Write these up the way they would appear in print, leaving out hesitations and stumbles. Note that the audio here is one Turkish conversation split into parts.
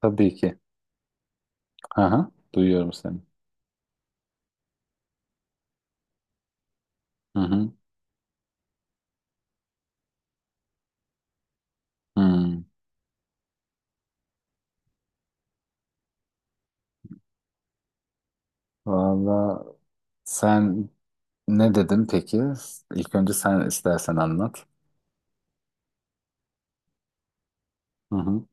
Tabii ki. Aha, duyuyorum seni. Hı hı. Hmm. Valla sen ne dedin peki? İlk önce sen istersen anlat. Hı hı.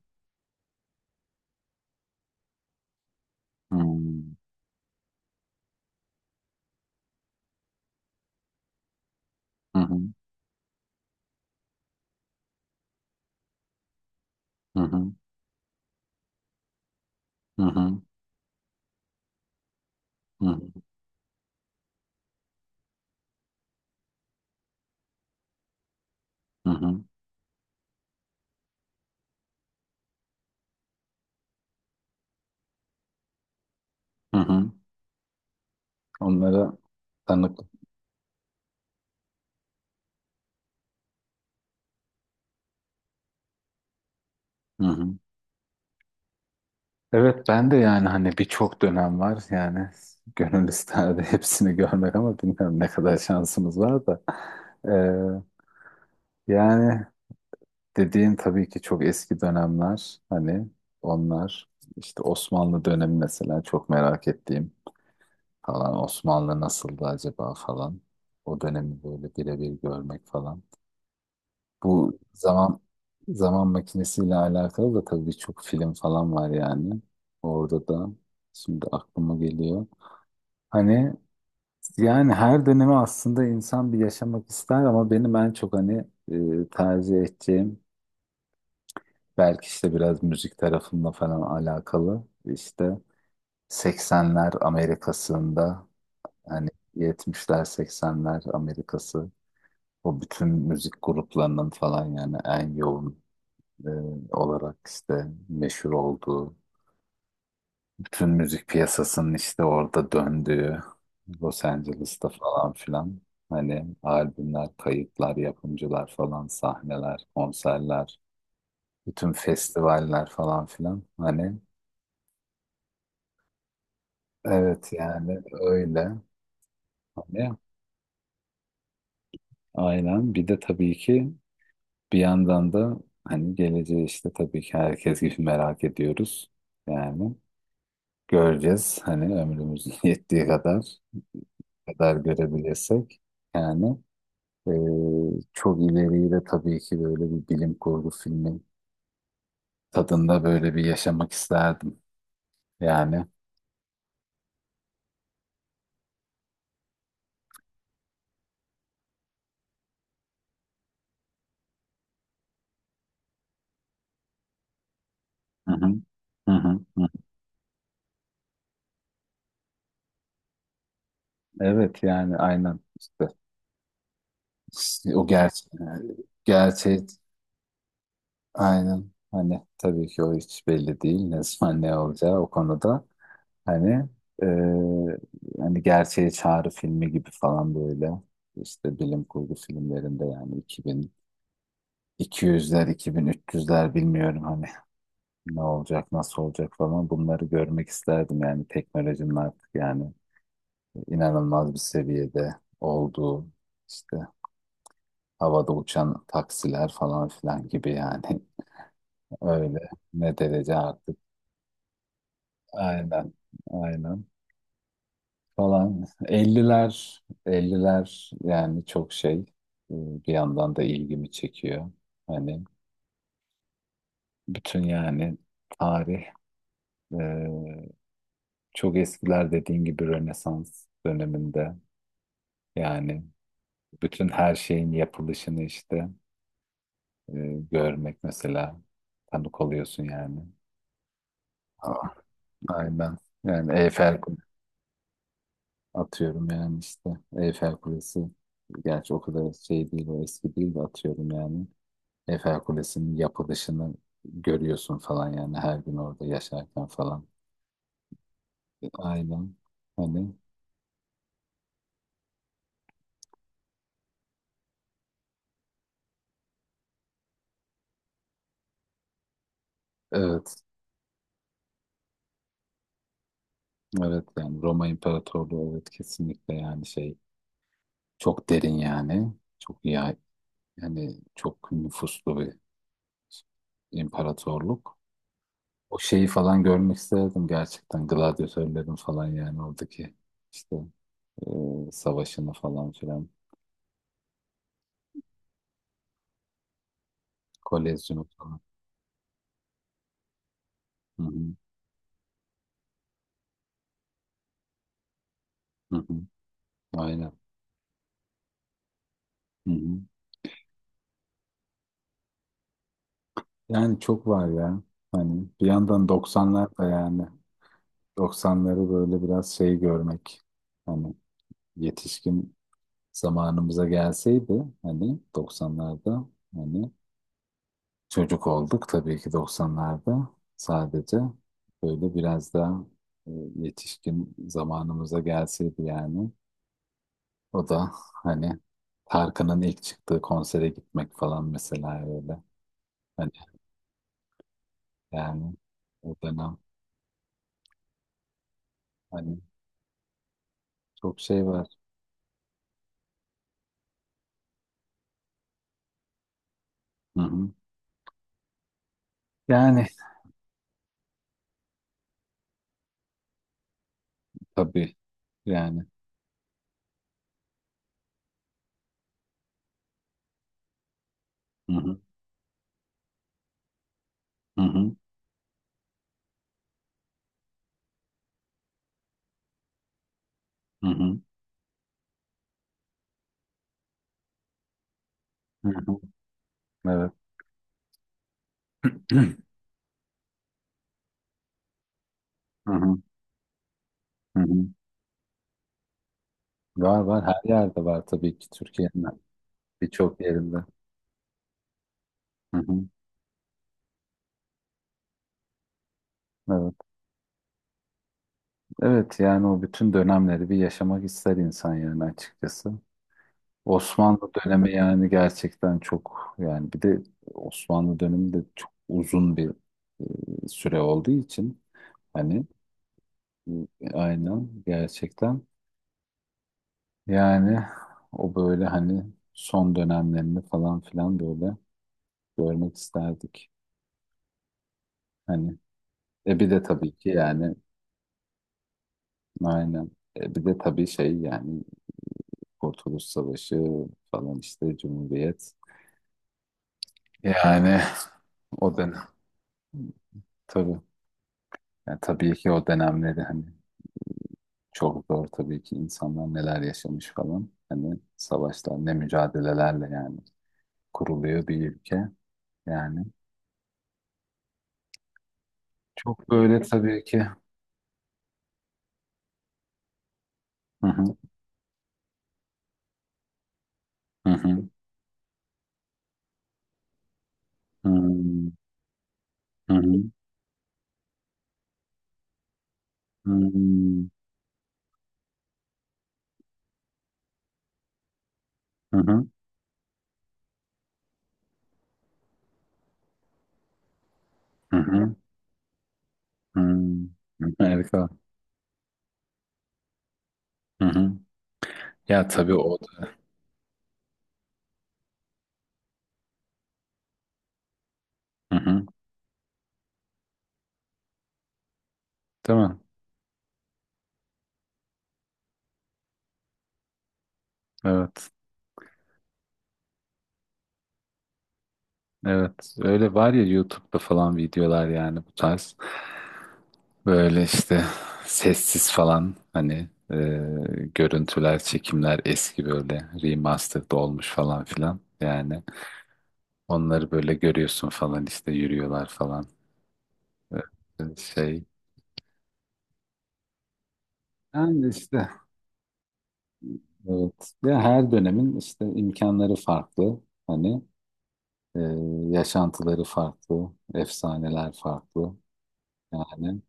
Hmm. Hı hı. Hı hı. Hı hı. Hı hı. Hı hı. Hı hı. Onlara tanık. Hı hı. Evet, ben de yani hani birçok dönem var yani gönül isterdi hepsini görmek ama bilmiyorum ne kadar şansımız var da. Ee, Yani dediğin tabii ki çok eski dönemler, hani onlar işte Osmanlı dönemi mesela çok merak ettiğim falan, Osmanlı nasıldı acaba falan, o dönemi böyle birebir görmek falan. Bu zaman makinesiyle alakalı da tabii birçok film falan var yani, orada da şimdi aklıma geliyor. Hani yani her dönemi aslında insan bir yaşamak ister ama benim en çok hani tercih edeceğim belki işte biraz müzik tarafında falan alakalı. İşte 80'ler Amerika'sında, hani 70'ler 80'ler Amerika'sı, o bütün müzik gruplarının falan yani en yoğun e, olarak işte meşhur olduğu, bütün müzik piyasasının işte orada döndüğü Los Angeles'ta falan filan hani albümler, kayıtlar, yapımcılar falan, sahneler, konserler, bütün festivaller falan filan hani. Evet yani öyle. Hani aynen. Bir de tabii ki bir yandan da hani geleceği işte tabii ki herkes gibi merak ediyoruz. Yani göreceğiz hani ömrümüz yettiği kadar görebilirsek. Yani e, çok ileriyi de tabii ki böyle bir bilim kurgu filmi tadında böyle bir yaşamak isterdim. Yani. Hı hı. Hı hı. Hı. Hı. Evet yani aynen işte. İşte o gerçeği. Aynen. Hani tabii ki o hiç belli değil. Ne zaman ne olacağı o konuda. Hani e, hani gerçeğe çağrı filmi gibi falan böyle. İşte bilim kurgu filmlerinde yani 2200'ler, 2300'ler bilmiyorum hani ne olacak, nasıl olacak falan, bunları görmek isterdim. Yani teknolojinin artık yani inanılmaz bir seviyede olduğu işte havada uçan taksiler falan filan gibi yani, öyle ne derece artık. Aynen. Aynen. Falan. Elliler elliler yani çok şey, e, bir yandan da ilgimi çekiyor. Hani bütün yani tarih, e, çok eskiler dediğin gibi Rönesans döneminde yani bütün her şeyin yapılışını işte e, görmek mesela, tanık oluyorsun yani. Aa, aynen. Yani atıyorum yani işte Eyfel Kulesi. Gerçi o kadar şey değil, o eski değil de atıyorum yani. Eyfel Kulesi'nin yapılışını görüyorsun falan yani, her gün orada yaşarken falan. Aynen. Hani evet. Evet yani Roma İmparatorluğu, evet kesinlikle yani şey, çok derin yani. Çok ya, yani çok nüfuslu bir imparatorluk. O şeyi falan görmek isterdim, gerçekten gladyatörlerin falan yani oradaki işte savaşını falan filan. Kolezyonu falan. Hı hı, hı hı. Aynen. Hı hı. Yani çok var ya. Hani bir yandan 90'lar da yani 90'ları böyle biraz şey görmek. Hani yetişkin zamanımıza gelseydi hani 90'larda, hani çocuk olduk tabii ki 90'larda sadece, böyle biraz daha e, yetişkin zamanımıza gelseydi yani. O da hani Tarkan'ın ilk çıktığı konsere gitmek falan mesela, öyle. Hani yani o dönem hani çok şey var. Hı hı. Yani tabii yani. Hı hı. Hı hı. Hı hı. Hı hı. Evet. Hı hı. Hı hı. Var var, her yerde var tabii ki, Türkiye'nin birçok yerinde. Hı hı. Evet. Evet yani o bütün dönemleri bir yaşamak ister insan yani açıkçası. Osmanlı dönemi yani gerçekten çok yani, bir de Osmanlı dönemi de çok uzun bir süre olduğu için hani aynen gerçekten yani o böyle hani son dönemlerini falan filan böyle görmek isterdik. Hani bir de tabii ki yani aynen, bir de tabii şey yani Kurtuluş Savaşı falan işte Cumhuriyet yani o dönem tabii yani, tabii ki o dönemleri hani. Çok zor tabii ki, insanlar neler yaşamış falan. Hani savaşlar ne mücadelelerle yani kuruluyor bir ülke. Yani çok böyle tabii ki. Hı hı, hı hı, hı hı, hı hı, hı hı, hı hı, hı hı. Harika. Hı hı. Ya tabii o da. Hı hı. Değil mi? Evet. Evet. Öyle var ya, YouTube'da falan videolar yani bu tarz. Böyle işte sessiz falan hani e, görüntüler, çekimler eski böyle remastered olmuş falan filan. Yani onları böyle görüyorsun falan işte yürüyorlar falan. Şey yani işte evet ya, her dönemin işte imkanları farklı. Hani e, yaşantıları farklı, efsaneler farklı. Yani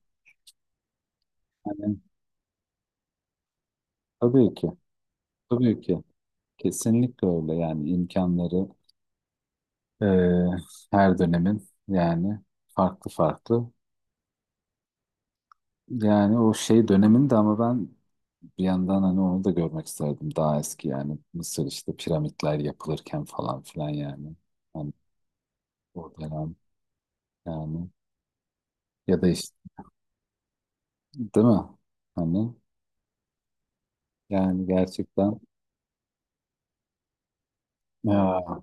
hani tabii ki tabii ki kesinlikle öyle yani imkanları, Ee, her dönemin yani farklı farklı. Yani o şey döneminde ama ben bir yandan hani onu da görmek isterdim. Daha eski yani Mısır, işte piramitler yapılırken falan filan yani. Hani o dönem yani, ya da işte değil mi? Hani yani gerçekten ya,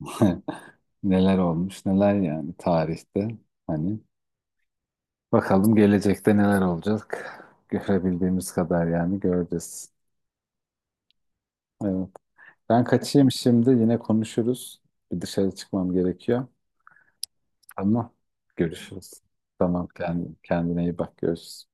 neler olmuş neler yani tarihte, hani bakalım gelecekte neler olacak, görebildiğimiz kadar yani göreceğiz. Evet. Ben kaçayım şimdi, yine konuşuruz. Bir dışarı çıkmam gerekiyor. Ama görüşürüz. Tamam, kendine iyi bak, görüşürüz.